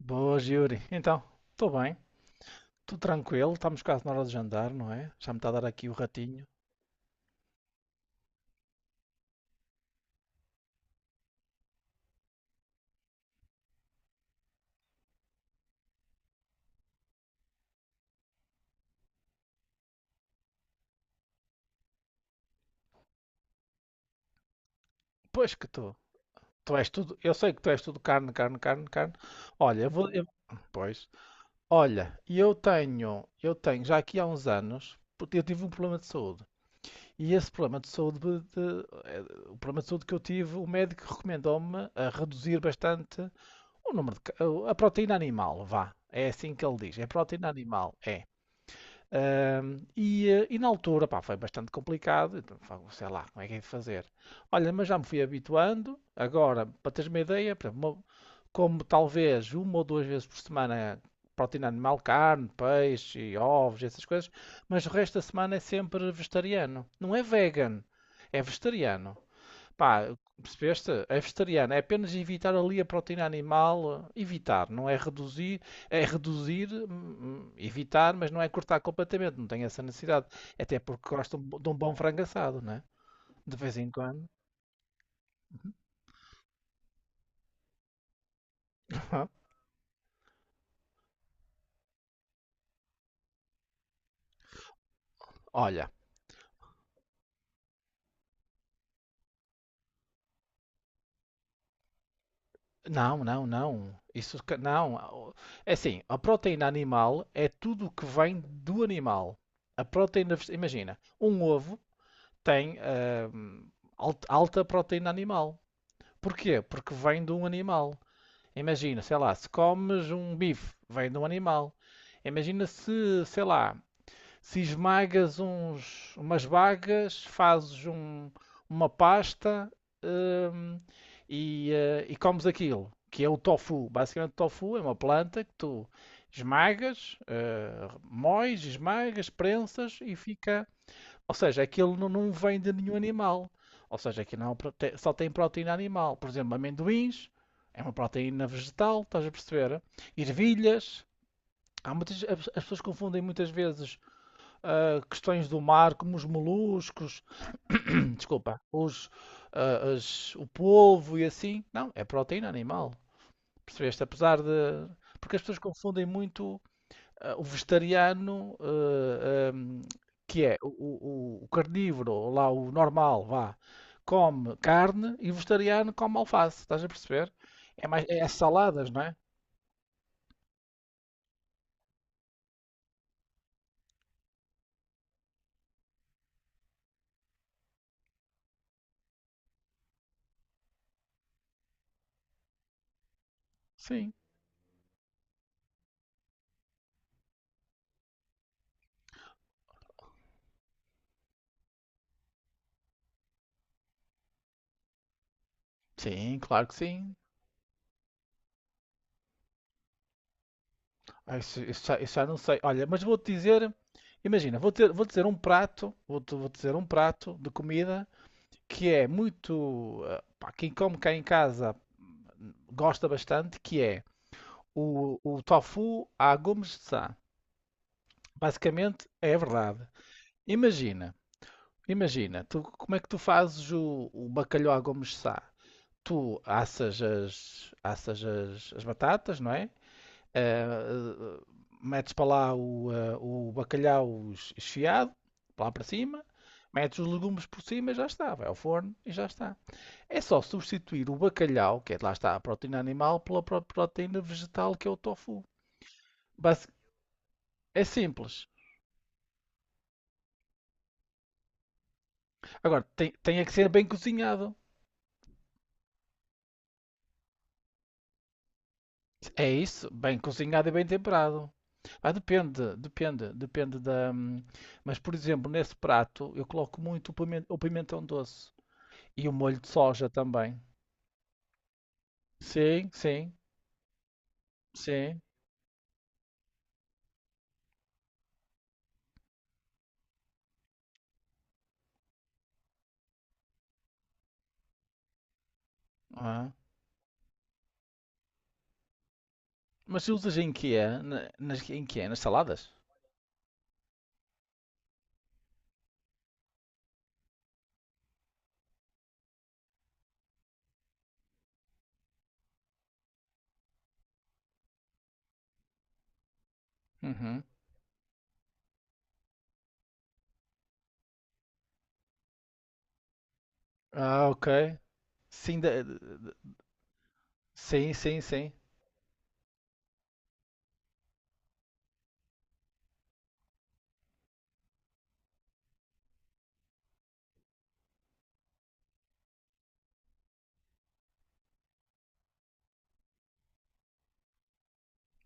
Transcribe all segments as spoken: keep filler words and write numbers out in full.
Boas, Yuri. Então, estou bem, estou tranquilo, estamos quase na hora de jantar, não é? Já me está a dar aqui o ratinho. Pois que estou. Tu és tudo, eu sei que tu és tudo carne, carne, carne, carne. Olha, eu vou, eu- pois. Olha, e eu tenho, eu tenho já aqui há uns anos, porque eu tive um problema de saúde. E esse problema de saúde, de- de- eh, o problema de saúde que eu tive, o médico recomendou-me a reduzir bastante o número de, ca- a proteína animal, vá. É assim que ele diz, é proteína animal, é. Ahm, e, eh, e na altura, pá, foi bastante complicado. Então, sei lá, como é que é de fazer? Olha, mas já me fui habituando. Agora, para teres uma ideia, por exemplo, uma- como talvez uma ou duas vezes por semana proteína animal, carne, peixe e ovos, essas coisas, mas o resto da semana é sempre vegetariano. Não é vegan, é vegetariano. Pá, percebeste? É vegetariano. É apenas evitar ali a proteína animal. eh, Evitar, não é reduzir. É reduzir, hum, hum, evitar, mas não é cortar completamente. Não tem essa necessidade. Até porque gostam de um bom frango assado, né? De vez em quando. Hã? Olha, não, não, não. Isso ca- não. Ah, é assim, a proteína animal é tudo o que vem do animal. A proteína, vege- imagina, um ovo tem ah, hum, alt- alta proteína animal. Porquê? Porque vem de um animal. Imagina, sei lá, se comes um bife, vem de um animal. Imagina se, sei lá, se esmagas uns, umas bagas, fazes um- uma pasta, hum, e, eh, e comes aquilo, que é o tofu. Basicamente, o tofu é uma planta que tu esmagas, eh, moes, esmagas, prensas e fica. Ou seja, aquilo não, não vem de nenhum animal. Ou seja, aquilo não, é só tem proteína animal. Por exemplo, amendoins é uma proteína vegetal, estás a perceber? Ervilhas. Há muitas, as pessoas confundem muitas vezes ah, questões do mar, como os moluscos, desculpa, os, ah, as- o polvo e assim. Não, é proteína animal. Percebeste? Apesar de. Porque as pessoas confundem muito ah, o vegetariano, ah, ahm, que é o, o- o carnívoro, lá o normal, vá, come carne e o vegetariano come alface, estás a perceber? É mais, é as saladas, não é? Sim, sim, claro que sim. Ah, isso, isso já, isso já não sei. Olha, mas vou-te dizer, imagina, vou ter, vou dizer um prato, vou-te vou dizer um prato de comida que é muito, ah, pá, quem come cá em casa gosta bastante, que é o, o tofu à Gomes de Sá. Basicamente é verdade. Imagina, imagina, tu, como é que tu fazes o, o bacalhau à Gomes Sá? Tu assas as, assas as, as batatas, não é? Eh, eh, Metes para lá o, eh, o bacalhau es- esfiado, para lá para cima, metes os legumes por cima e já está, vai ao forno e já está. É só substituir o bacalhau, que é, lá está a proteína animal, pela pro- proteína vegetal que é o tofu. Basi- é simples. Agora, tem, tem é que ser bem cozinhado. É isso, bem cozinhado e bem temperado. Ah, depende, depende, depende da. hum, Mas, por exemplo, nesse prato eu coloco muito o pimen- o pimentão doce e o molho de soja também. Sim, sim, sim. Ah. Mas usas em que é? Na- Nas, em que é? Nas saladas? Uhum. Ah, ok. Sim, da- de- de- sim, sim, sim,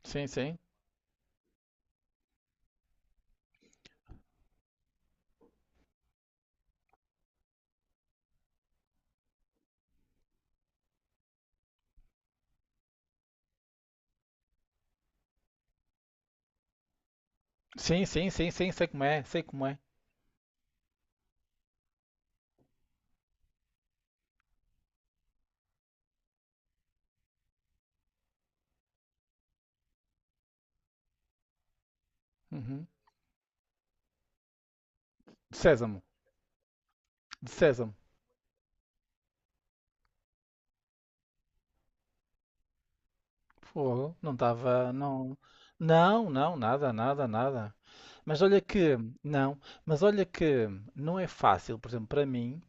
sim, sim, sim, sim, sim, sim, sei como é, sei como é. Uhum. De sésamo, de sésamo. Fogo, não estava, não. Não, não, nada, nada, nada. Mas olha que, não, mas olha que não é fácil, por exemplo, para mim,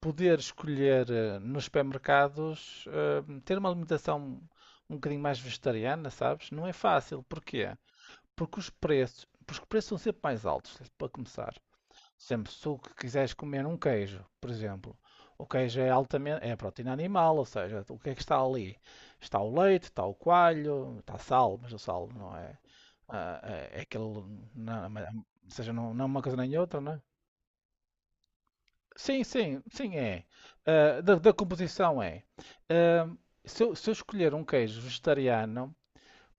poder escolher eh, nos supermercados, eh, ter uma alimentação um bocadinho mais vegetariana, sabes? Não é fácil. Porquê? Porque os preços, porque os preços são sempre mais altos, para começar. Sempre, se tu quiseres comer um queijo, por exemplo, o queijo é altamente, é proteína animal, ou seja, o que é que está ali? Está o leite, está o coalho, está sal, mas o sal não é, ah, é, é aquele, não, mas- ou seja, não, não é uma coisa nem outra, não é? Sim, sim, sim é. Ah, da, da composição é. Ah, se eu, se eu escolher um queijo vegetariano,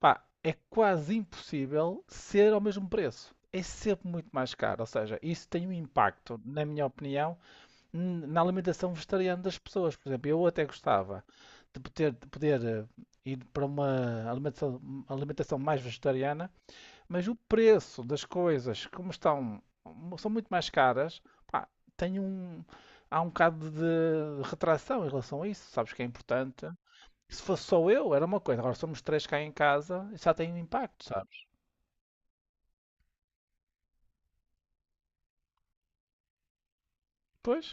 pá, é quase impossível ser ao mesmo preço. É sempre muito mais caro, ou seja, isso tem um impacto, na minha opinião, n- na alimentação vegetariana das pessoas. Por exemplo, eu até gostava de poder, de poder eh, ir para uma alimentação, alimentação mais vegetariana, mas o preço das coisas, como estão, são muito mais caras, pá, tem um, há um bocado de retração em relação a isso. Sabes que é importante. Se fosse só eu, era uma coisa. Agora somos três cá em casa, isso já tem um impacto, sabes? Pois,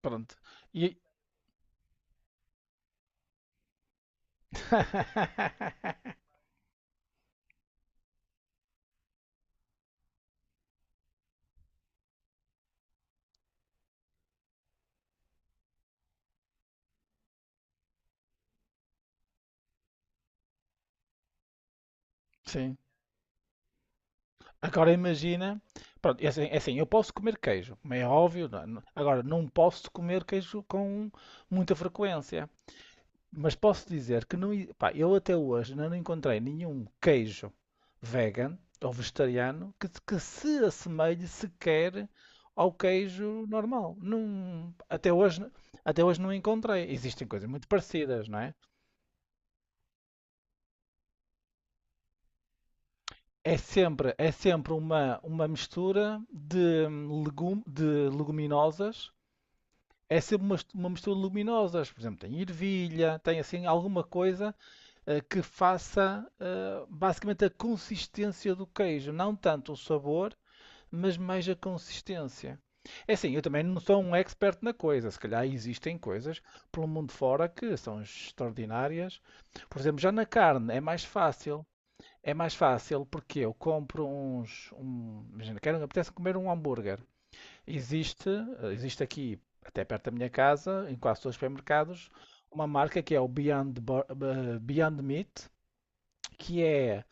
pronto. E... Sim. Agora imagina, pronto, é assim, é assim, eu posso comer queijo, como é óbvio, não- é? não- agora não posso comer queijo com muita frequência, mas posso dizer que não, i- pá, eu até hoje ainda não encontrei nenhum queijo vegan ou vegetariano que, se- que se assemelhe sequer ao queijo normal. Não, até hoje, até hoje não encontrei. Existem coisas muito parecidas, não é? É sempre, é sempre uma, uma mistura de, hum, legum, de leguminosas. É sempre uma, uma mistura luminosa. Por exemplo, tem ervilha, tem assim alguma coisa eh, que faça eh, basicamente a consistência do queijo. Não tanto o sabor, mas mais a consistência. É assim, eu também não sou um expert na coisa. Se calhar existem coisas pelo mundo fora que são extraordinárias. Por exemplo, já na carne é mais fácil. É mais fácil porque eu compro uns. Um, imagina, quero, apetece comer um hambúrguer. Existe, eh, existe aqui, até perto da minha casa, em quase todos os supermercados, uma marca que é o Beyond, Bur- eh, Beyond Meat, que é,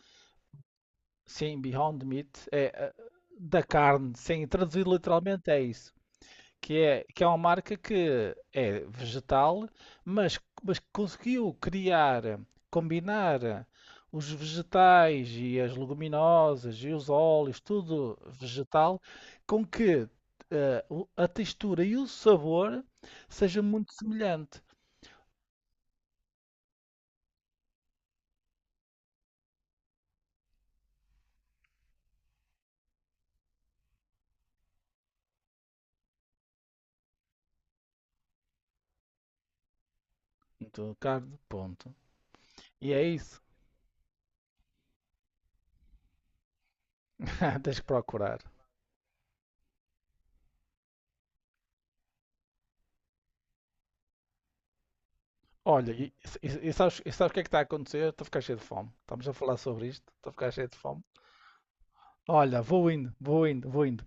sim, Beyond Meat, é eh, da carne, sem traduzido literalmente é isso que é, que é, uma marca que é vegetal, mas, mas que conseguiu criar, combinar os vegetais e as leguminosas e os óleos, tudo vegetal, com que eh, o- a textura e o sabor seja muito semelhante. Então, carne, ponto. E é isso. Tens que procurar. Olha, e, e- e sabes, e sabes o que é que está a acontecer? Estou a ficar cheio de fome. Estamos a falar sobre isto. Estou a ficar cheio de fome. Olha, vou indo, vou indo, vou indo.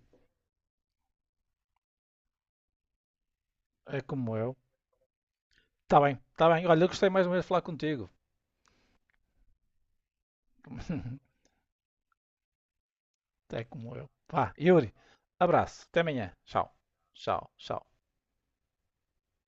É como eu. Tá bem, tá bem. Olha, eu gostei mais ou menos de falar contigo. É como eu. Vá, Yuri, abraço. Até amanhã. Tchau. Tchau, tchau.